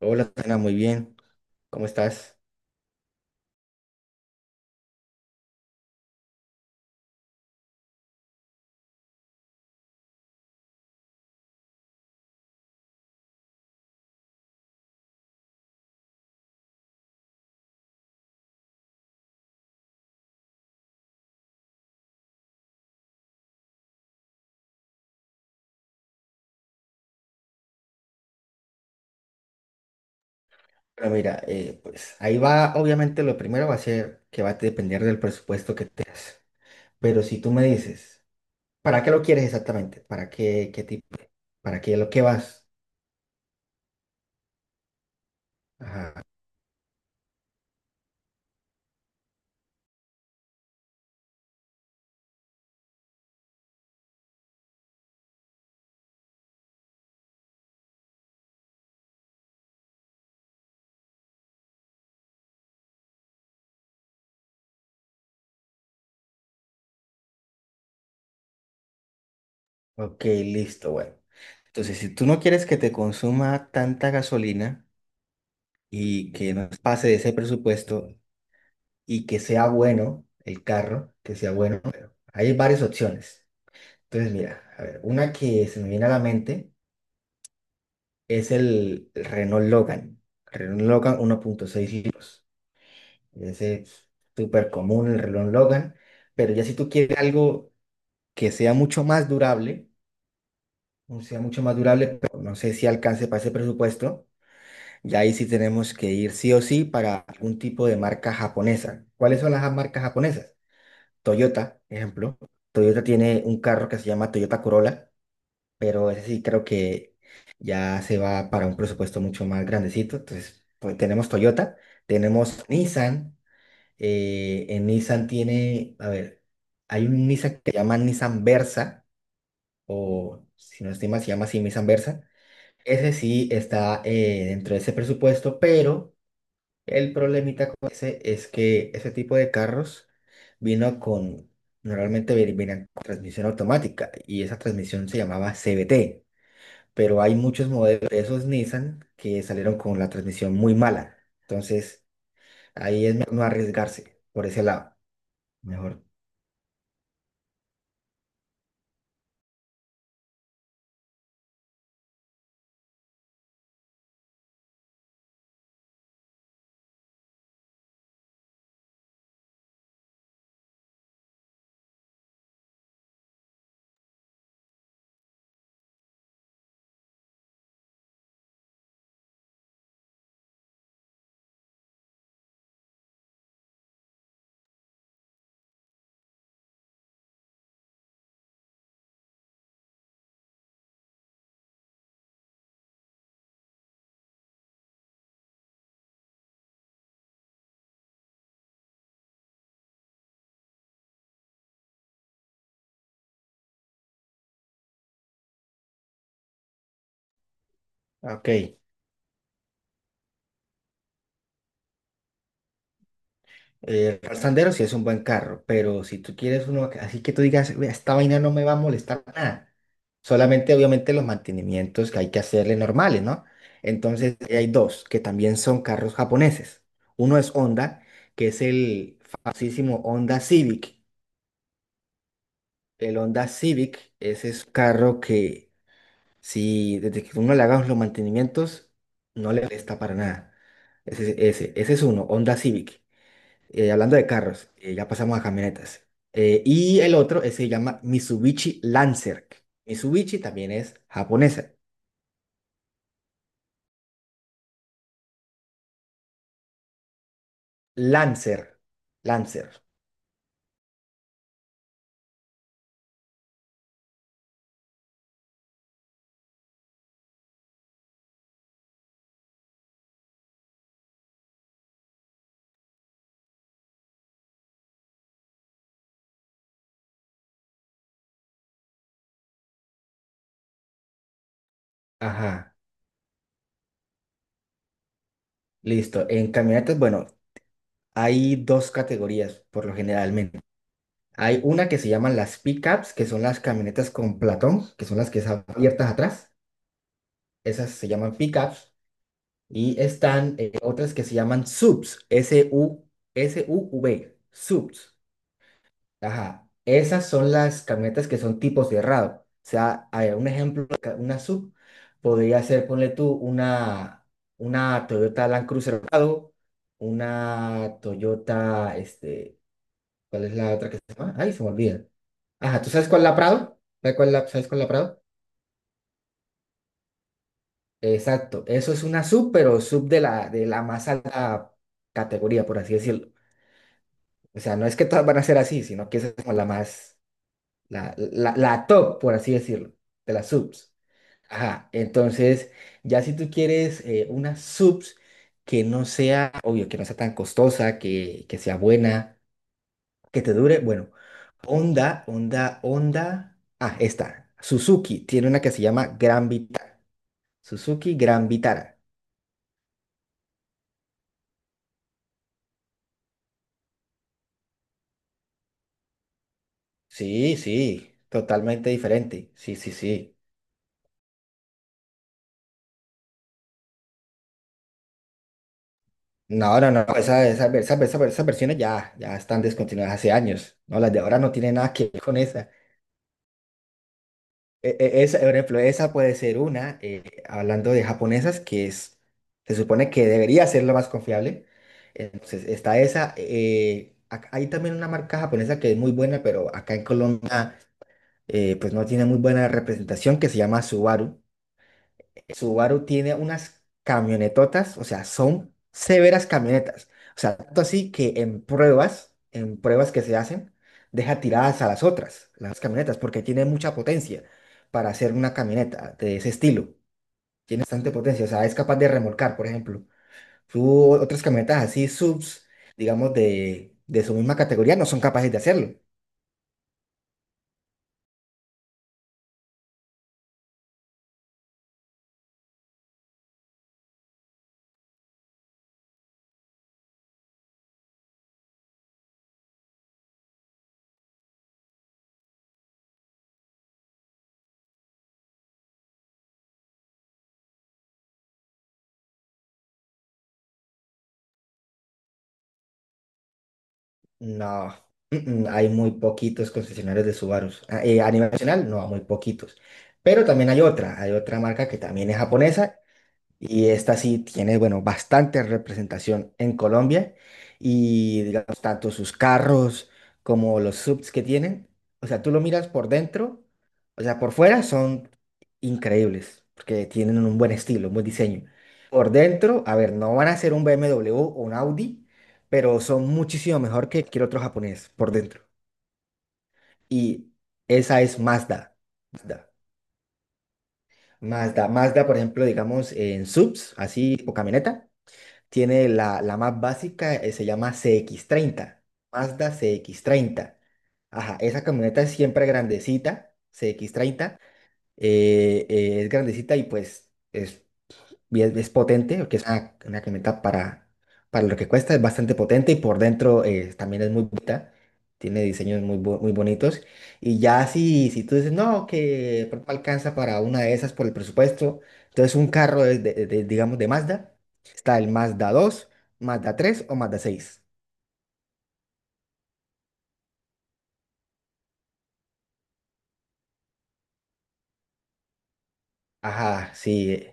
Hola, Tatiana, muy bien. ¿Cómo estás? Bueno, mira, pues ahí va, obviamente lo primero va a ser que va a depender del presupuesto que tengas. Pero si tú me dices, ¿para qué lo quieres exactamente? ¿Para qué, qué tipo? ¿Para qué lo que vas? Ajá. Ok, listo, bueno. Entonces, si tú no quieres que te consuma tanta gasolina y que no pase de ese presupuesto y que sea bueno el carro, que sea bueno, hay varias opciones. Entonces, mira, a ver, una que se me viene a la mente, es el Renault Logan. El Renault Logan 1.6 litros. Ese es súper común el Renault Logan. Pero ya si tú quieres algo que sea mucho más durable, o sea mucho más durable, pero no sé si alcance para ese presupuesto, ya ahí sí tenemos que ir sí o sí para algún tipo de marca japonesa. ¿Cuáles son las marcas japonesas? Toyota, ejemplo. Toyota tiene un carro que se llama Toyota Corolla, pero ese sí creo que ya se va para un presupuesto mucho más grandecito. Entonces, pues tenemos Toyota, tenemos Nissan. En Nissan tiene, a ver, hay un Nissan que se llama Nissan Versa, o si no estoy mal, se llama así Nissan Versa. Ese sí está dentro de ese presupuesto, pero el problemita con ese es que ese tipo de carros vino con, normalmente venían con transmisión automática y esa transmisión se llamaba CVT, pero hay muchos modelos de esos Nissan que salieron con la transmisión muy mala. Entonces, ahí es mejor no arriesgarse por ese lado. Mejor. Ok. El Ram Sandero sí es un buen carro, pero si tú quieres uno así que tú digas, "Vea, esta vaina no me va a molestar nada. Solamente, obviamente, los mantenimientos que hay que hacerle normales, ¿no? Entonces, ahí hay dos que también son carros japoneses. Uno es Honda, que es el famosísimo Honda Civic. El Honda Civic, ese es un carro que si desde que uno le haga los mantenimientos, no le molesta para nada. Ese es uno, Honda Civic. Hablando de carros, ya pasamos a camionetas. Y el otro se llama Mitsubishi Lancer. Mitsubishi también es japonesa. Lancer. Lancer. Ajá. Listo. En camionetas, bueno, hay dos categorías por lo generalmente. Hay una que se llaman las pickups, que son las camionetas con platón, que son las que están abiertas atrás. Esas se llaman pickups. Y están otras que se llaman subs, SUV, subs. Ajá. Esas son las camionetas que son tipo cerrado. O sea, hay un ejemplo, de una sub podría ser, ponle tú, una, Toyota Land Cruiser cerrado, una Toyota, este, ¿cuál es la otra que se llama? Ay, se me olvida. Ajá, ¿tú sabes cuál es la Prado? ¿Sabes cuál es la Prado? Exacto, eso es una sub, pero sub de la más alta categoría, por así decirlo. O sea, no es que todas van a ser así, sino que esa es como la más, la top, por así decirlo, de las subs. Ajá, entonces, ya si tú quieres una subs que no sea, obvio, que no sea tan costosa, que sea buena, que te dure, bueno, Honda, esta, Suzuki, tiene una que se llama Gran Vitara, Suzuki Gran Vitara. Sí, sí, totalmente diferente, sí, sí, sí. No, no, no, esas versiones ya, ya están descontinuadas hace años, ¿no? Las de ahora no tienen nada que ver con esa. Esa, por ejemplo, esa puede ser una, hablando de japonesas, que es, se supone que debería ser la más confiable. Entonces, está esa. Hay también una marca japonesa que es muy buena, pero acá en Colombia, pues no tiene muy buena representación, que se llama Subaru. Subaru tiene unas camionetotas, o sea, son severas camionetas. O sea, tanto así que en pruebas, que se hacen, deja tiradas a las otras, las camionetas, porque tiene mucha potencia para hacer una camioneta de ese estilo. Tiene bastante potencia, o sea, es capaz de remolcar, por ejemplo. Otras camionetas así, subs, digamos, de su misma categoría, no son capaces de hacerlo. No, mm, hay muy poquitos concesionarios de Subarus. Ah, a nivel nacional, no, muy poquitos. Pero también hay otra marca que también es japonesa y esta sí tiene, bueno, bastante representación en Colombia y, digamos, tanto sus carros como los subs que tienen. O sea, tú lo miras por dentro, o sea, por fuera son increíbles porque tienen un buen estilo, un buen diseño. Por dentro, a ver, no van a ser un BMW o un Audi, pero son muchísimo mejor que cualquier otro japonés por dentro. Y esa es Mazda. Mazda, Mazda, Mazda, por ejemplo, digamos, en subs, así, o camioneta, tiene la más básica, se llama CX-30. Mazda CX-30. Ajá, esa camioneta es siempre grandecita, CX-30. Es grandecita y pues es, potente, porque es una, camioneta para lo que cuesta, es bastante potente y por dentro también es muy bonita, tiene diseños muy bonitos. Y ya si tú dices, no, que de pronto alcanza para una de esas por el presupuesto, entonces un carro de, digamos, de Mazda, está el Mazda 2. Mazda 3 o Mazda 6. Ajá, sí.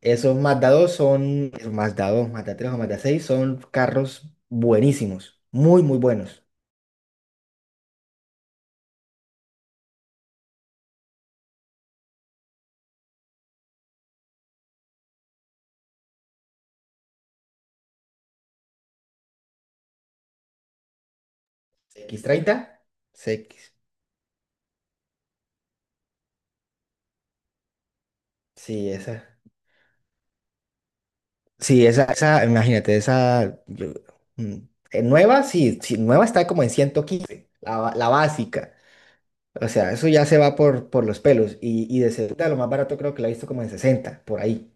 Esos Mazda dos son, esos Mazda 2 Mazda 3 o Mazda seis son carros buenísimos, muy, muy buenos. X30. Sí, esa. Sí, esa, imagínate, esa. Mm, nueva, sí, sí, nueva está como en 115 la básica. O sea, eso ya se va por, los pelos. Y de segunda, lo más barato creo que la he visto como en 60 por ahí.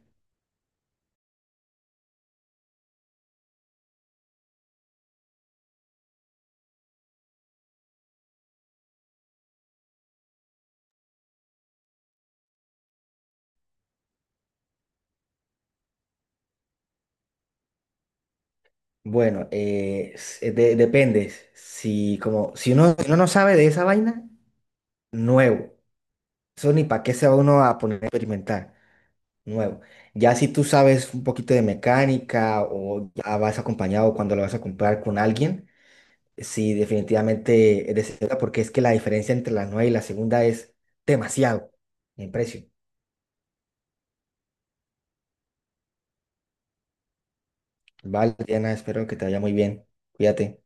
Bueno, depende. Si, como, si uno no sabe de esa vaina, nuevo. Eso ni para qué se va uno a poner a experimentar. Nuevo. Ya si tú sabes un poquito de mecánica o ya vas acompañado cuando lo vas a comprar con alguien. Sí, definitivamente es de segunda, porque es que la diferencia entre la nueva y la segunda es demasiado en precio. Vale, Diana, espero que te vaya muy bien. Cuídate.